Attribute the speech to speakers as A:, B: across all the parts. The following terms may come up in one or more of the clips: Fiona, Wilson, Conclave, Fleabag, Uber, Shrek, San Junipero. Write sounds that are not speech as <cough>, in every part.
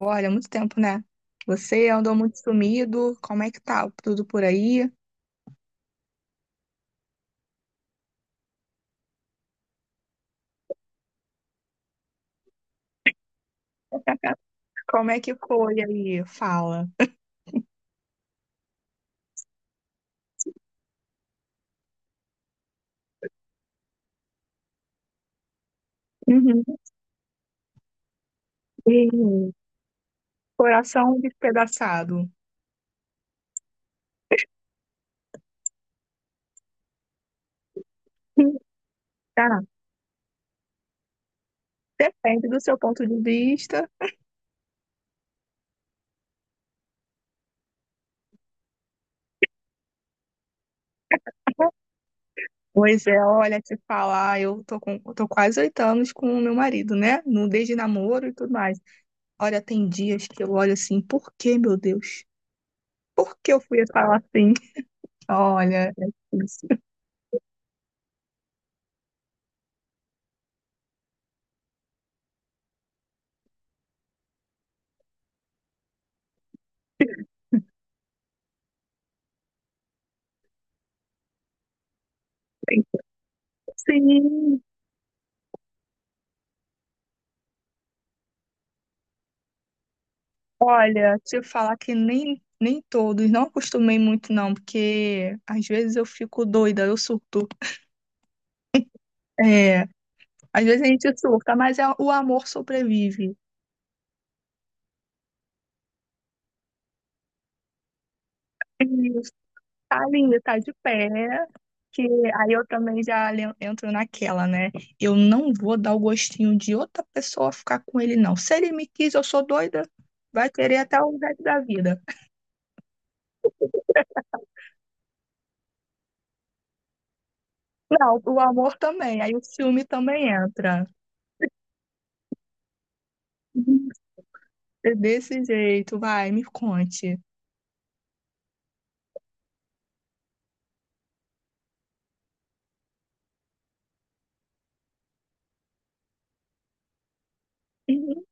A: Olha, muito tempo, né? Você andou muito sumido. Como é que tá tudo por aí? Como é que foi aí? Fala. Uhum. Ih, coração despedaçado. <laughs> Hum. Tá. Depende do seu ponto de vista. Pois é, olha, te falar, eu tô quase 8 anos com o meu marido, né? No, desde namoro e tudo mais. Olha, tem dias que eu olho assim, por que, meu Deus? Por que eu fui falar assim? Olha, é difícil. Sim. Olha, se eu falar que nem todos, não acostumei muito não, porque às vezes eu fico doida, eu surto. É, às vezes a gente surta, mas o amor sobrevive. E tá linda, tá de pé, que aí eu também já entro naquela, né? Eu não vou dar o gostinho de outra pessoa ficar com ele, não. Se ele me quis, eu sou doida, vai querer até o resto da vida. Não, o amor também, aí o ciúme também entra. É desse jeito, vai, me conte. Uhum.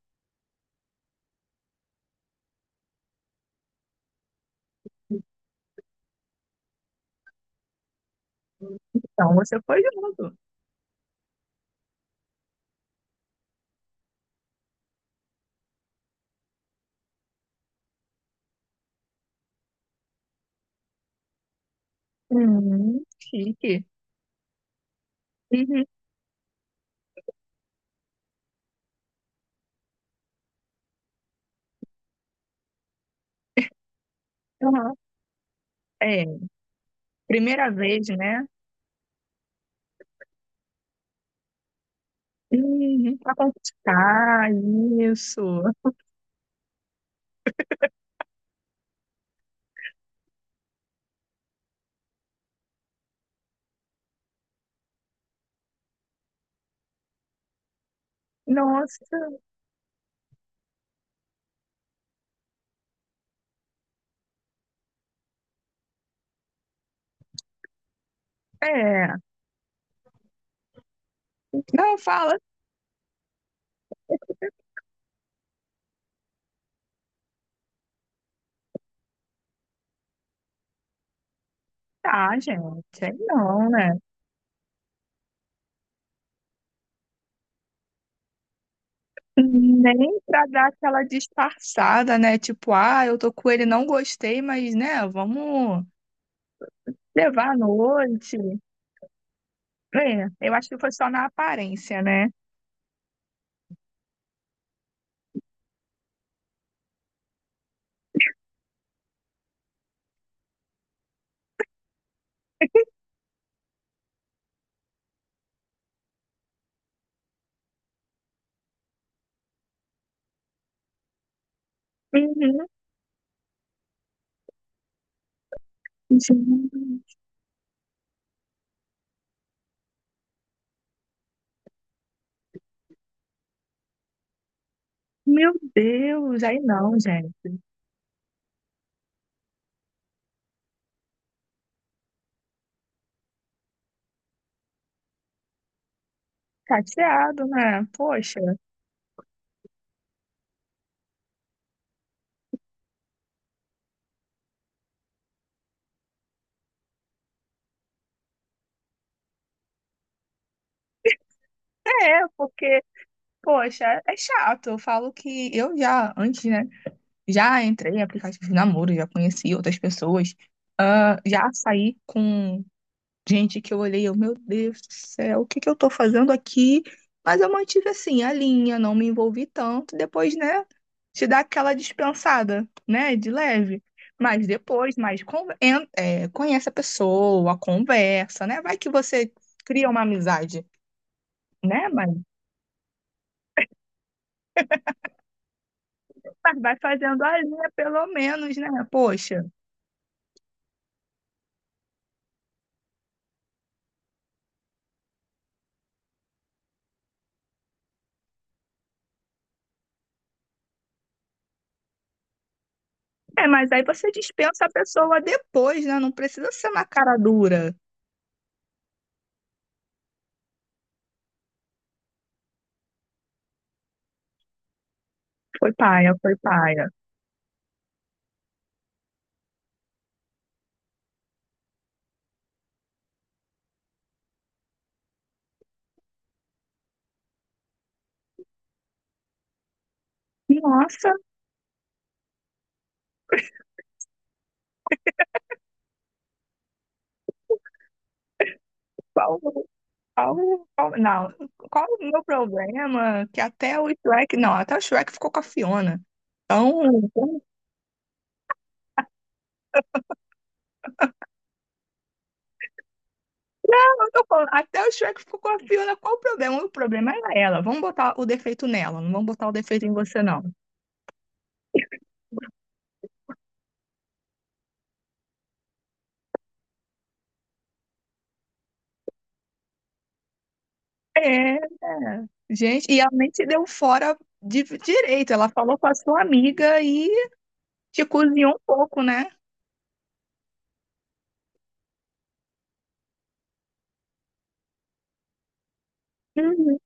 A: Então, você foi junto. Uhum, chique. Uhum, aham. É, primeira vez, né? Uhum, pra conquistar, isso. Nossa, é. Não, fala, tá, gente. Aí não, né? Nem pra dar aquela disfarçada, né? Tipo, ah, eu tô com ele, não gostei, mas, né, vamos levar à noite. É, eu acho que foi só na aparência, né? Uhum. Gente, meu Deus, aí não, gente. Chateado, né? Poxa, é, porque, poxa, é chato. Eu falo que eu já, antes, né? Já entrei em aplicativos de namoro, já conheci outras pessoas, ah, já saí com gente, que eu olhei, eu, meu Deus do céu, o que que eu tô fazendo aqui? Mas eu mantive assim a linha, não me envolvi tanto. Depois, né, te dá aquela dispensada, né, de leve. Mas depois, mais conhece a pessoa, conversa, né? Vai que você cria uma amizade, né? Mas vai fazendo a linha pelo menos, né? Poxa. É, mas aí você dispensa a pessoa depois, né? Não precisa ser na cara dura. Foi paia, foi paia. Nossa, qual. Qual, não, qual o meu problema? Que até o Shrek, não, até o Shrek ficou com a Fiona. Então, eu tô falando, até o Shrek ficou com a Fiona, qual o problema? O problema é ela. Vamos botar o defeito nela, não vamos botar o defeito em você, não. É, é, gente, e ela nem deu fora de direito. Ela falou com a sua amiga e te cozinhou um pouco, né? Uhum.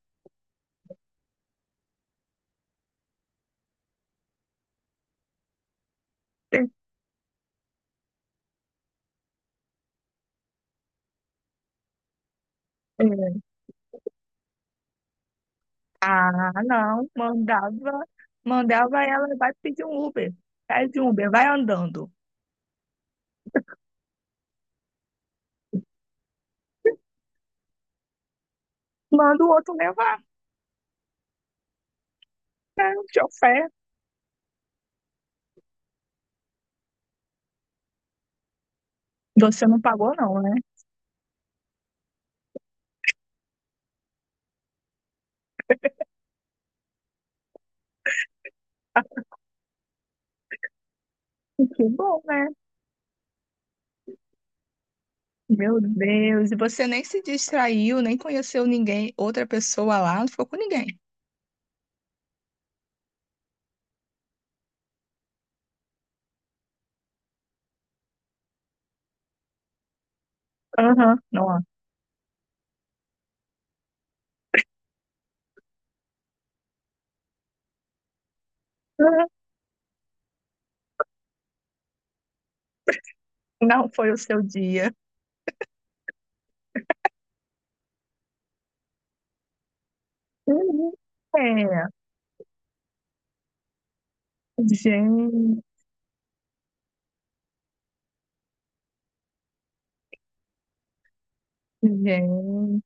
A: É, é. Ah, não, mandava ela, vai pedir um Uber. Pede um Uber, vai andando. Manda o outro levar, né? Te oferta. Você não pagou, não, né? Que bom, né? Meu Deus. E você nem se distraiu, nem conheceu ninguém, outra pessoa lá, não ficou com ninguém. Aham, não. Aham. <laughs> Não foi o seu dia. <laughs> Uhum. É, gente, gente.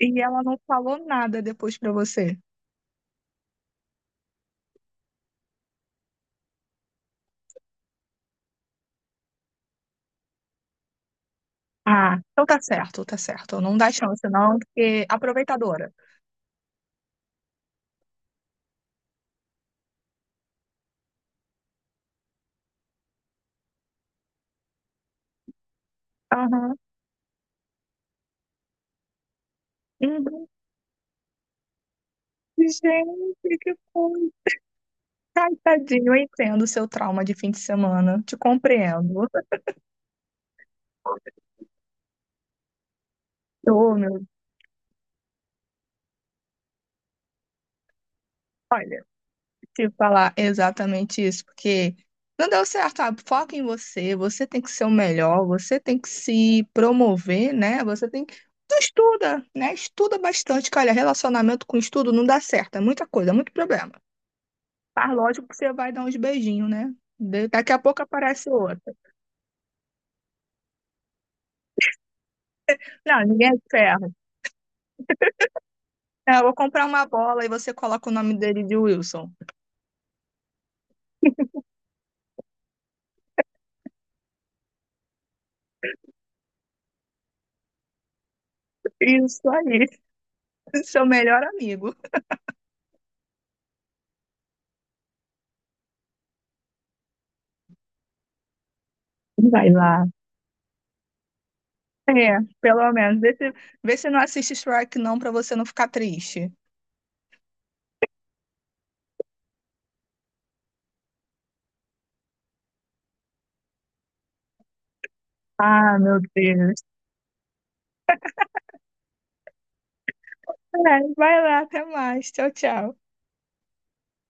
A: E ela não falou nada depois pra você. Ah, então tá certo, tá certo. Não dá chance, não, porque aproveitadora. Aham. Uhum. Gente, que coisa. Ai, tadinho, eu entendo o seu trauma de fim de semana. Te compreendo. Eu, meu, te falar exatamente isso, porque não deu certo, sabe? Foca em você, você tem que ser o melhor, você tem que se promover, né? Você tem que. Tu estuda, né? Estuda bastante, que olha, relacionamento com estudo não dá certo, é muita coisa, é muito problema. Mas lógico que você vai dar uns beijinhos, né? Daqui a pouco aparece outra. Não, ninguém é de ferro. É, eu vou comprar uma bola e você coloca o nome dele de Wilson. Isso aí. <laughs> Seu melhor amigo. Vai lá. É, pelo menos. Vê se não assiste Shrek, não, pra você não ficar triste. Ah, meu Deus. É, vai lá, até mais. Tchau, tchau.